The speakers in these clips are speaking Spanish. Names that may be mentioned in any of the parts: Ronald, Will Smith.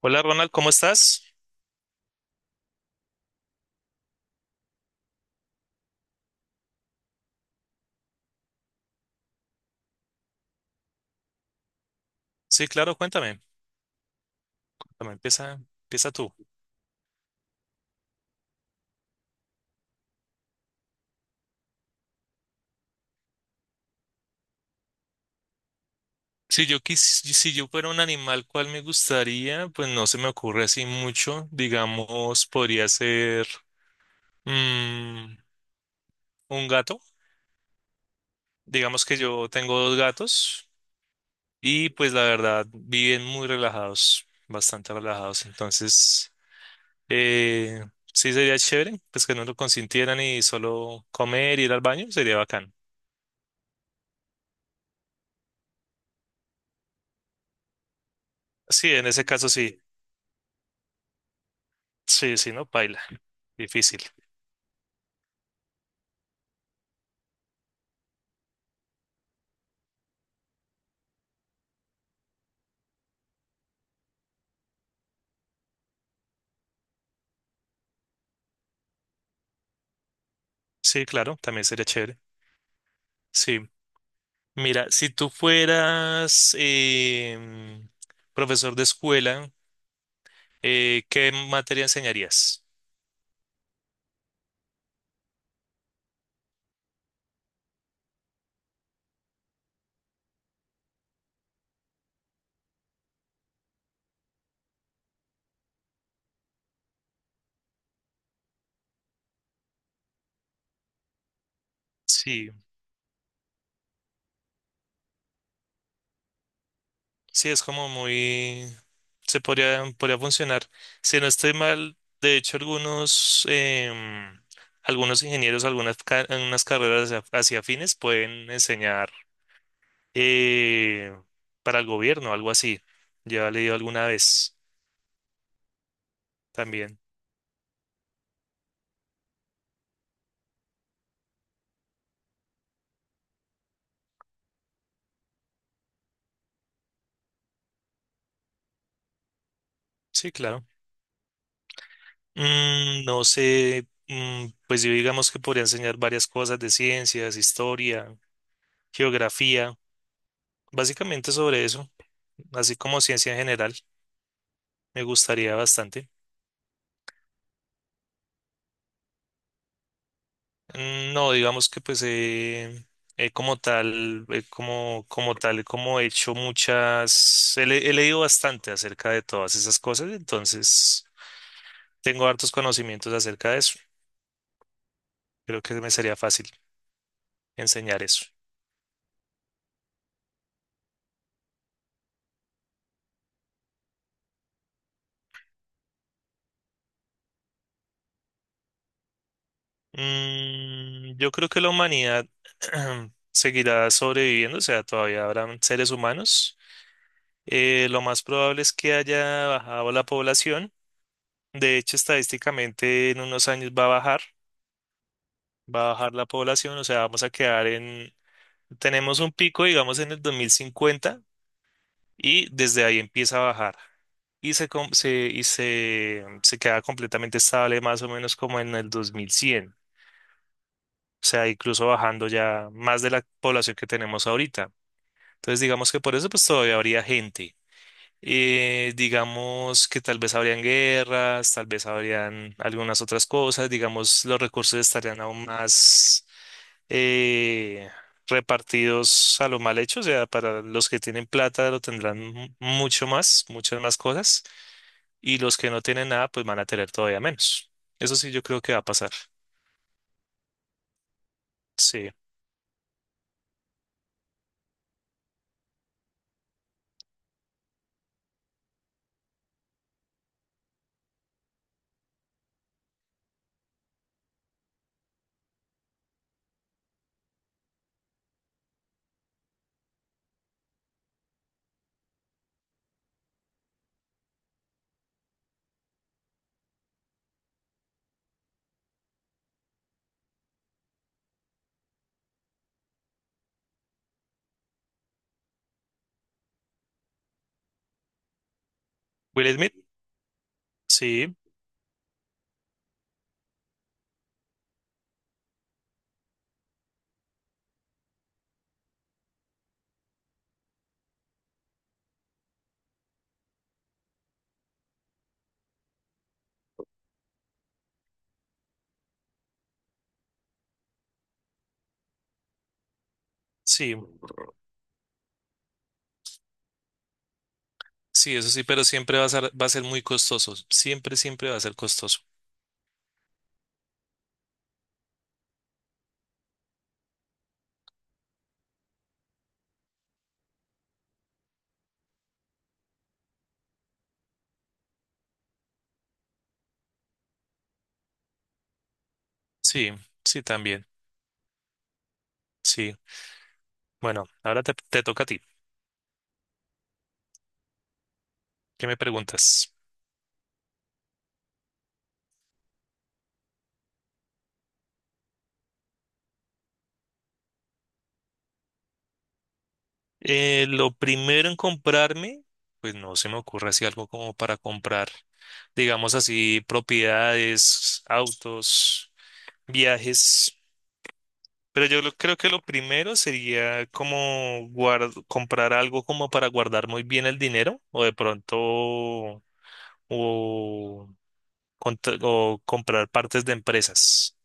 Hola Ronald, ¿cómo estás? Sí, claro, cuéntame. Cuéntame, empieza tú. Si yo quis- si yo fuera un animal, ¿cuál me gustaría? Pues no se me ocurre así mucho. Digamos, podría ser mm, un gato. Digamos que yo tengo dos gatos y pues la verdad viven muy relajados, bastante relajados. Entonces, eh, sí sería chévere, pues que no lo consintieran y solo comer, ir al baño, sería bacán. Sí, en ese caso sí. Sí, sí, no, paila. Difícil. Sí, claro, también sería chévere. Sí. Mira, si tú fueras profesor de escuela, ¿qué materia enseñarías? Sí, sí, es como muy... Se podría, podría funcionar. Si no estoy mal, de hecho, algunos, algunos ingenieros, unas carreras hacia afines pueden enseñar eh, para el gobierno, algo así. Ya he leído alguna vez también. Sí, claro. No sé, pues yo digamos que podría enseñar varias cosas de ciencias, historia, geografía, básicamente sobre eso, así como ciencia en general, me gustaría bastante. No, digamos que pues como tal, como tal, como he hecho muchas, he leído bastante acerca de todas esas cosas, entonces tengo hartos conocimientos acerca de eso. Creo que me sería fácil enseñar eso. Yo creo que la humanidad seguirá sobreviviendo, o sea, todavía habrán seres humanos. Lo más probable es que haya bajado la población. De hecho, estadísticamente en unos años va a bajar la población, o sea, vamos a quedar en, tenemos un pico, digamos, en el 2050, y desde ahí empieza a bajar. Y se, com- se- y se, se queda completamente estable más o menos como en el 2100. Sea, incluso bajando ya más de la población que tenemos ahorita. Entonces, digamos que por eso pues todavía habría gente. Digamos que tal vez habrían guerras, tal vez habrían algunas otras cosas, digamos los recursos estarían aún más eh, repartidos a lo mal hecho, o sea, para los que tienen plata lo tendrán mucho más, muchas más cosas, y los que no tienen nada pues van a tener todavía menos. Eso sí yo creo que va a pasar. Sí. Will Smith, sí, sí. Sí, eso sí, pero siempre va a ser muy costoso. Siempre, siempre va a ser costoso. Sí, sí, también. Sí. Bueno, ahora te toca a ti. ¿Qué me preguntas? Lo primero en comprarme, pues no se me ocurre así algo como para comprar, digamos así, propiedades, autos, viajes. Pero creo que lo primero sería como comprar algo como para guardar muy bien el dinero o de pronto o o comprar partes de empresas.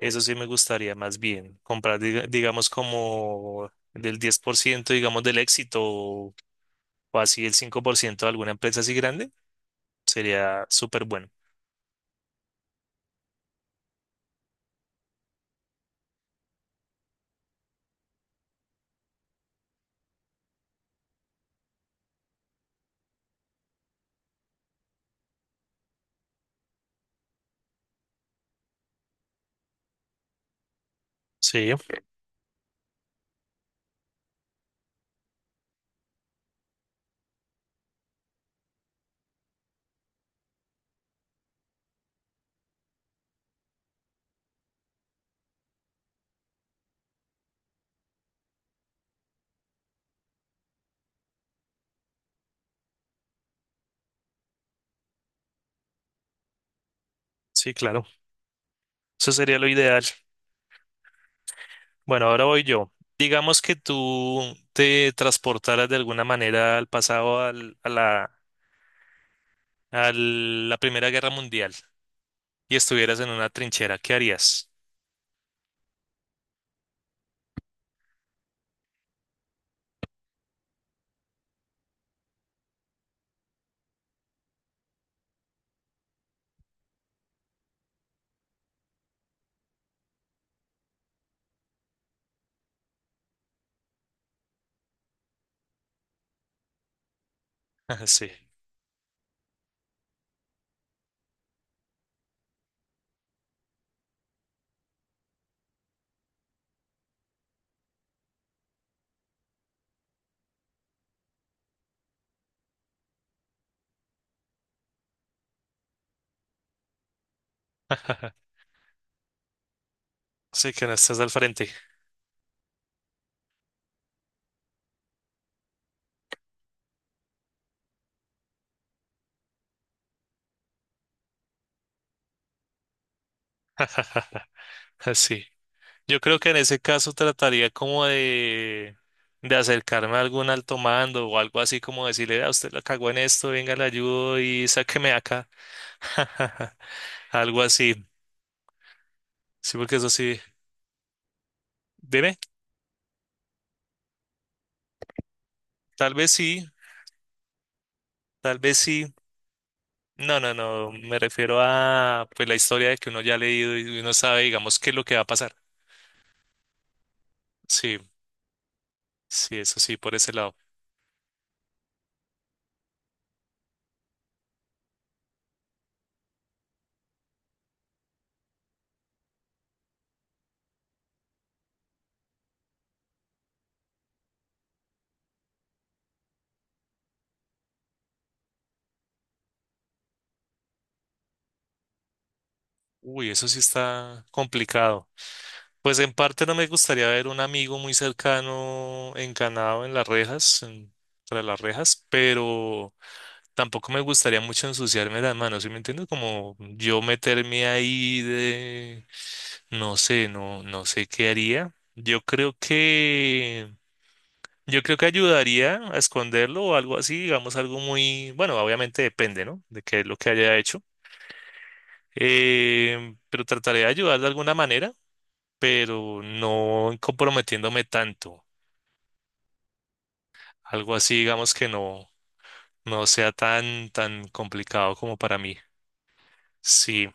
Eso sí me gustaría más bien. Comprar, digamos, como del 10% digamos, del éxito o así el 5% de alguna empresa así grande. Sería súper bueno. Sí, sí, claro. Eso sería lo ideal. Bueno, ahora voy yo. Digamos que tú te transportaras de alguna manera al pasado, a la Primera Guerra Mundial y estuvieras en una trinchera. ¿Qué harías? Sí. Sí, que no estás al frente. Sí, yo creo que en ese caso trataría como de acercarme a algún alto mando o algo así como decirle, a usted la cagó en esto, venga, le ayudo y sáqueme de acá. Algo así. Sí, porque eso sí. Dime, tal vez sí, tal vez sí. No, no, no, me refiero a pues la historia de que uno ya ha leído y uno sabe, digamos, qué es lo que va a pasar. Sí, sí, eso sí, por ese lado. Uy, eso sí está complicado. Pues en parte no me gustaría ver un amigo muy cercano encanado en las rejas, tras las rejas, pero tampoco me gustaría mucho ensuciarme las manos, ¿sí me entiendes? Como yo meterme ahí de, no sé, no, no sé qué haría. Yo creo que ayudaría a esconderlo o algo así, digamos algo muy, bueno, obviamente depende, ¿no? De qué es lo que haya hecho. Pero trataré de ayudar de alguna manera pero no comprometiéndome tanto. Algo así, digamos que no, no sea tan, tan complicado como para mí. Sí,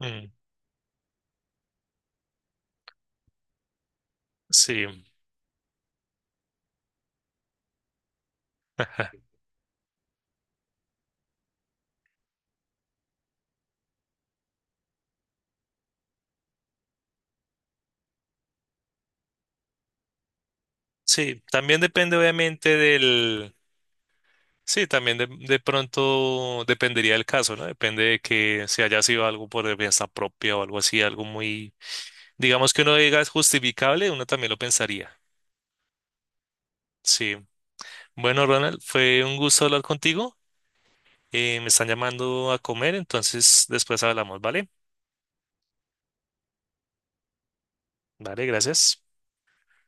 mm, sí. Ajá. Sí, también depende obviamente del... Sí, también de pronto dependería del caso, ¿no? Depende de que si haya sido algo por defensa propia o algo así, algo muy, digamos que uno diga es justificable, uno también lo pensaría. Sí. Bueno, Ronald, fue un gusto hablar contigo. Me están llamando a comer, entonces después hablamos, ¿vale? Vale, gracias.